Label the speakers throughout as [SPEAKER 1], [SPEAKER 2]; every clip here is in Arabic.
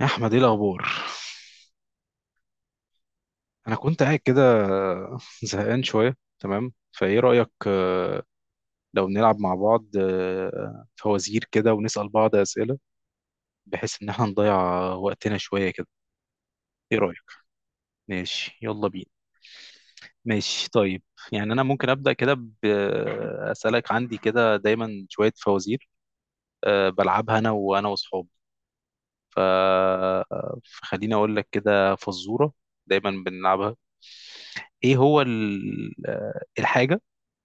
[SPEAKER 1] يا احمد، ايه الاخبار؟ انا كنت قاعد كده زهقان شويه. تمام، فايه رايك لو نلعب مع بعض فوازير كده ونسال بعض اسئله، بحيث ان احنا نضيع وقتنا شويه كده؟ ايه رايك؟ ماشي، يلا بينا. ماشي طيب، يعني انا ممكن ابدا كده، باسالك. عندي كده دايما شويه فوازير بلعبها انا وانا واصحابي. ف- فخليني اقول لك كده فزوره دايما بنلعبها. ايه هو الحاجه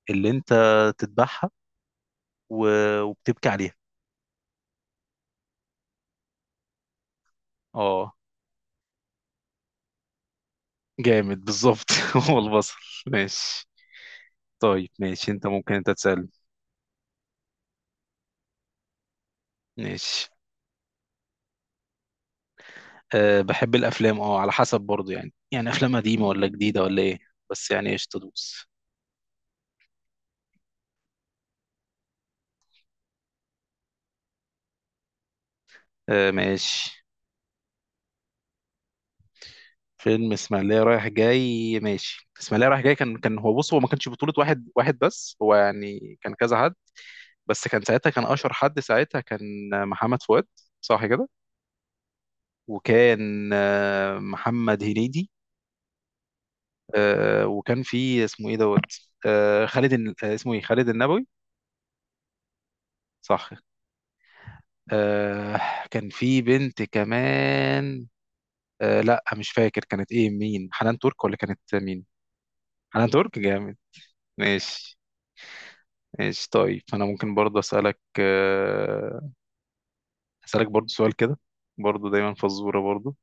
[SPEAKER 1] اللي انت تذبحها و... وبتبكي عليها؟ اه، جامد بالظبط. هو البصل. ماشي طيب، ماشي انت ممكن، انت تسأل. ماشي. أه، بحب الافلام، اه على حسب برضو. يعني افلام قديمة ولا جديدة ولا ايه؟ بس يعني ايش تدوس. أه ماشي. فيلم اسماعيلية رايح جاي؟ ماشي. اسماعيلية رايح جاي، كان هو، بص هو ما كانش بطولة واحد واحد بس، هو يعني كان كذا حد. بس كان ساعتها، كان اشهر حد ساعتها كان محمد فؤاد، صح كده؟ وكان محمد هنيدي. وكان في اسمه ايه دوت، خالد الن- آه، اسمه ايه، خالد النبوي. صح. آه، كان في بنت كمان. لا مش فاكر كانت ايه، مين، حنان ترك ولا كانت مين؟ حنان ترك، جامد. ماشي. ماشي طيب، فانا ممكن برضه اسالك اسالك برضه سؤال كده برضه، دايما فزوره برضه.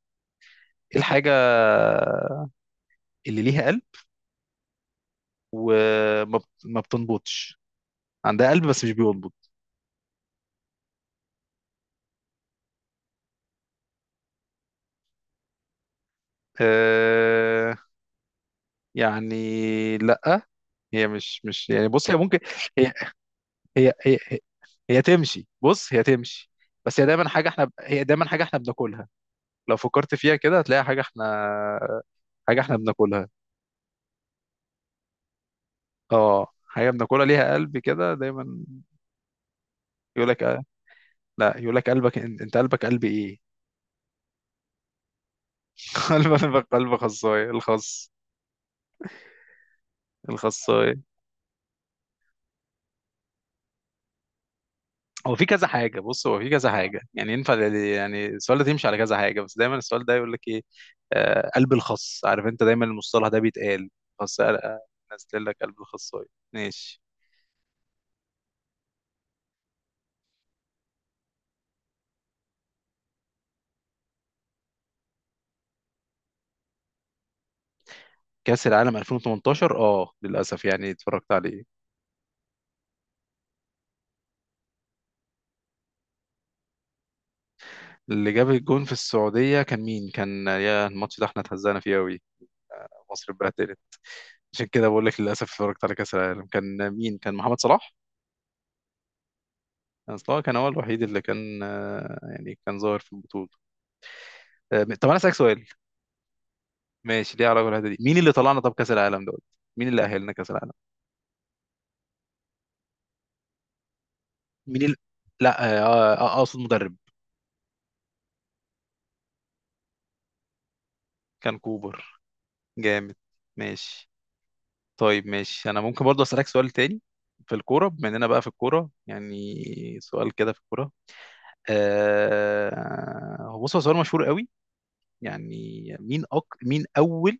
[SPEAKER 1] ايه الحاجه اللي ليها قلب ما بتنبضش؟ عندها قلب بس مش بينبض. آه. يعني لأ. هي مش يعني، بص، هي ممكن هي هي هي, هي, هي تمشي. بص هي تمشي، بس هي دايما حاجة احنا بناكلها. لو فكرت فيها كده هتلاقي حاجة احنا بناكلها، اه. حاجة بناكلها ليها قلب كده دايما. يقول لك آه. لا، يقول لك قلبك، انت قلبك قلب ايه؟ قلبك قلب خصاية، الخصاية. هو في كذا حاجة، بص هو في كذا حاجة، يعني ينفع يعني السؤال ده تمشي على كذا حاجة، بس دايما السؤال ده يقول لك ايه. آه، قلب الخص، عارف انت دايما المصطلح ده بيتقال، خص. نزل لك قلب الخصاية. ماشي. كأس العالم 2018، اه للأسف يعني اتفرجت عليه. اللي جاب الجون في السعودية كان مين، كان يا، الماتش ده احنا اتهزقنا فيه قوي. مصر اتبهدلت، عشان كده بقول لك للأسف اتفرجت على كأس العالم. كان مين، كان محمد صلاح. كان صلاح كان هو الوحيد اللي كان يعني كان ظاهر في البطولة. طب أنا أسألك سؤال ماشي، ليه علاقه بالحته دي. مين اللي طلعنا، طب كاس العالم دوت، مين اللي اهلنا كاس العالم؟ مين اللي... لا اقصد مدرب. كان كوبر، جامد. ماشي طيب، ماشي انا ممكن برضه اسالك سؤال تاني في الكوره، بما اننا بقى في الكوره يعني. سؤال كده في الكوره، هو، بص هو سؤال مشهور قوي يعني. مين اول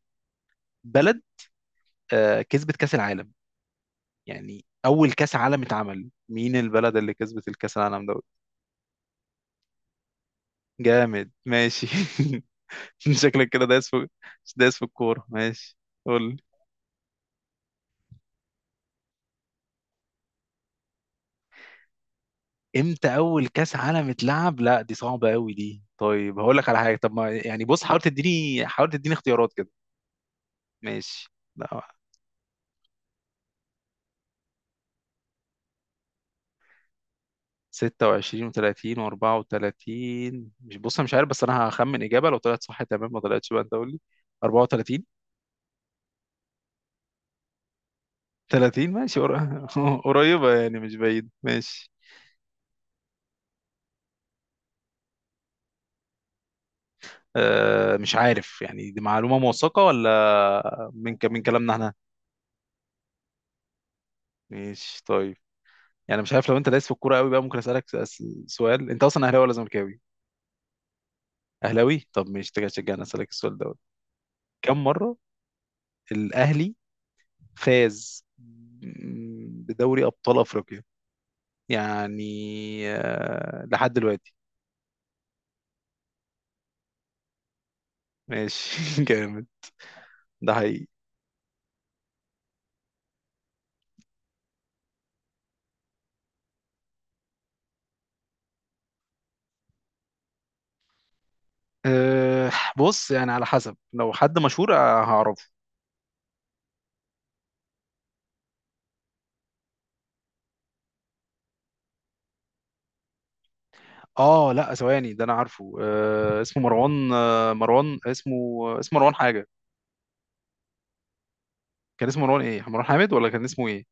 [SPEAKER 1] بلد كسبت كاس العالم؟ يعني اول كاس عالم اتعمل، مين البلد اللي كسبت الكاس العالم دوت؟ جامد ماشي. شكلك كده دايس في، دايس في الكورة. ماشي، قول لي. امتى اول كاس عالم اتلعب؟ لا دي صعبة قوي دي. طيب هقول لك على حاجة، طب ما، يعني بص حاول تديني، اختيارات كده. ماشي. لا، 26 و30 و34. مش، بص انا مش عارف، بس انا هخمن اجابة، لو طلعت صح تمام، ما طلعتش بقى انت قول لي. 34. 30، ماشي قريبة، يعني مش بعيد. ماشي. أه مش عارف، يعني دي معلومة موثقة ولا من كلامنا احنا؟ ماشي طيب. يعني مش عارف، لو انت دايس في الكوره قوي بقى، ممكن اسالك سؤال. انت اصلا اهلاوي ولا زملكاوي؟ اهلاوي، طب مش تيجي تشجعني. اسالك السؤال دوت، كم مره الاهلي فاز بدوري ابطال افريقيا؟ يعني لحد دلوقتي. ماشي جامد. ده حقيقي. أه بص، يعني على حسب، لو حد مشهور هعرفه. اه لا ثواني، ده انا عارفه. أه اسمه مروان، مروان اسمه، اسمه مروان حاجه. كان اسمه مروان ايه، مروان حامد، ولا كان اسمه ايه؟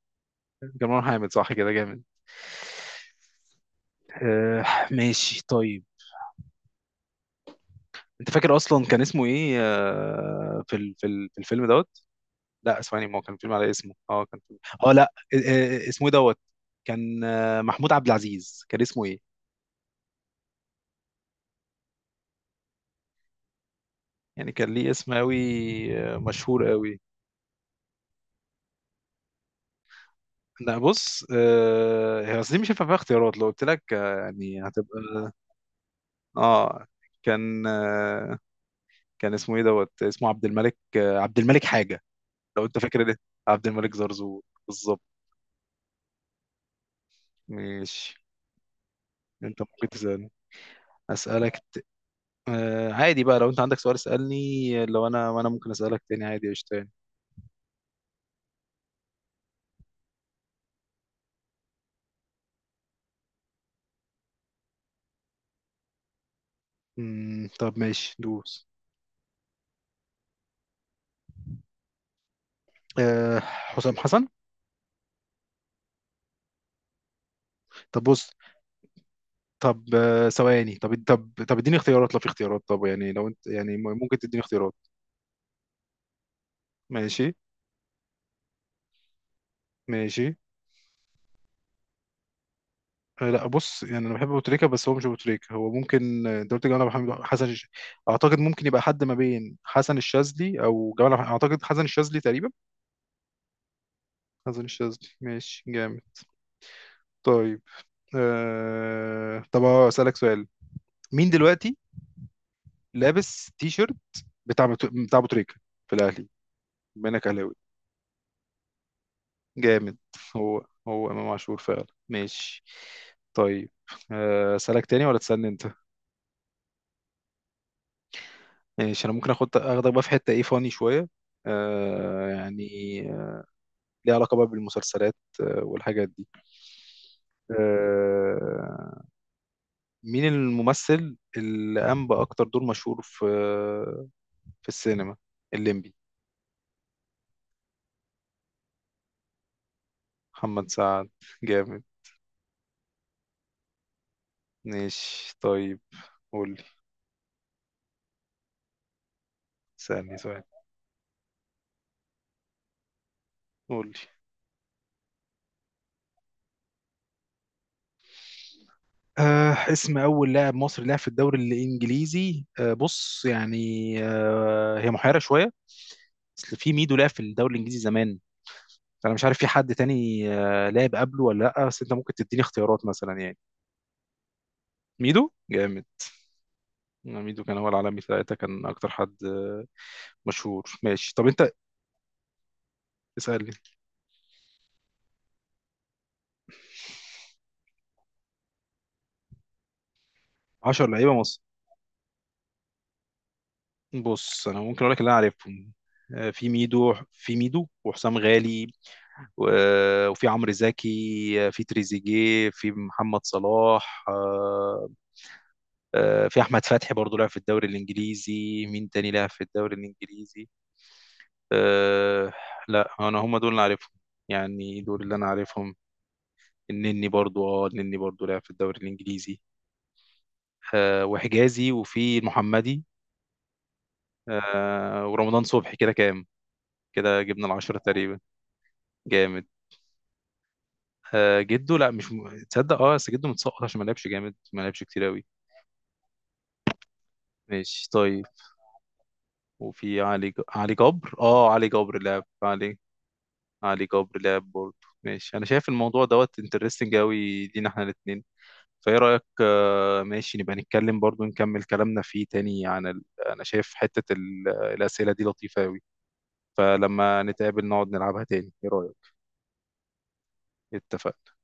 [SPEAKER 1] جمال حامد، صح كده؟ جامد. آه. ماشي طيب، انت فاكر اصلا كان اسمه ايه آه في الفيلم دوت؟ لا اسمعني، ما هو كان فيلم على اسمه. اه كان فيلم. اه لا. آه، اسمه إيه دوت، كان آه محمود عبد العزيز، كان اسمه ايه. يعني كان ليه اسم قوي آه مشهور قوي. لا بص، آه هي اصل دي مش هينفع فيها اختيارات، لو قلت لك آه يعني هتبقى، اه كان كان اسمه ايه دوت، اسمه عبد الملك، آه عبد الملك حاجة، لو انت فاكر ده. عبد الملك زرزور، بالظبط. ماشي. انت ممكن تسألني. اسألك ت... آه عادي بقى، لو انت عندك سؤال اسألني، لو انا ممكن اسألك تاني عادي، قشطة يعني. مم، طب ماشي دوس. آه، حسام حسن. طب بص، طب ثواني، طب اديني اختيارات، لو في اختيارات، طب يعني لو انت يعني ممكن تديني اختيارات. ماشي. ماشي. لا بص، يعني انا بحب ابو تريكه، بس هو مش ابو تريكه، هو ممكن انت قلت جمال عبد الحميد، اعتقد ممكن يبقى حد ما بين حسن الشاذلي او جمال عبد الحميد، اعتقد حسن الشاذلي تقريبا. حسن الشاذلي، ماشي جامد. طيب. طب اسالك سؤال. مين دلوقتي لابس تي شيرت بتاع بتاع ابو تريكه في الاهلي، بما انك اهلاوي؟ جامد. هو، هو امام عاشور فعلا. ماشي طيب، اسالك تاني ولا تسالني انت؟ ماشي، انا ممكن اخدك بقى في حته، ايه، فاني شويه يعني، آه، ليها علاقه بقى بالمسلسلات والحاجات دي. آه، مين الممثل اللي قام باكتر دور مشهور في في السينما، الليمبي؟ محمد سعد، جامد. ماشي طيب. قول لي، سألني سؤال. قول لي. آه، اسم اول لاعب مصري لعب في الدوري الانجليزي؟ آه، بص يعني، آه هي محيره شويه، اصل في ميدو لعب في الدوري الانجليزي زمان. انا مش عارف في حد تاني لعب قبله ولا لا، بس انت ممكن تديني اختيارات مثلا يعني. ميدو، جامد. ميدو كان هو العالمي ثلاثة، كان اكتر حد مشهور. ماشي، طب انت. اسألني. 10 لعيبة مصر. بص انا ممكن اقول لك اللي انا عارفهم. في ميدو، وحسام غالي. وفي عمرو زكي، في تريزيجيه، في محمد صلاح، في احمد فتحي برضه لعب في الدوري الانجليزي. مين تاني لعب في الدوري الانجليزي؟ أه. لا انا هم دول اللي عارفهم، يعني دول اللي انا عارفهم. النني، برضو. اه النني برضو لعب في الدوري الانجليزي. أه وحجازي، وفي المحمدي. أه ورمضان صبحي. كده كام؟ كده جبنا العشرة تقريبا، جامد. أه جدو، لا مش م... تصدق، اه بس جدو متسقط عشان ما لعبش. جامد، ما لعبش كتير قوي. ماشي طيب. وفي علي جبر. اه علي جبر لعب. علي، علي جبر لعب برضو. ماشي. انا شايف الموضوع دوت انترستنج قوي لينا احنا الاثنين، فايه رأيك؟ ماشي، نبقى نتكلم برضو، نكمل كلامنا فيه تاني عن انا شايف حتة الأسئلة دي لطيفة قوي، فلما نتقابل نقعد نلعبها تاني. ايه رأيك؟ اتفقنا.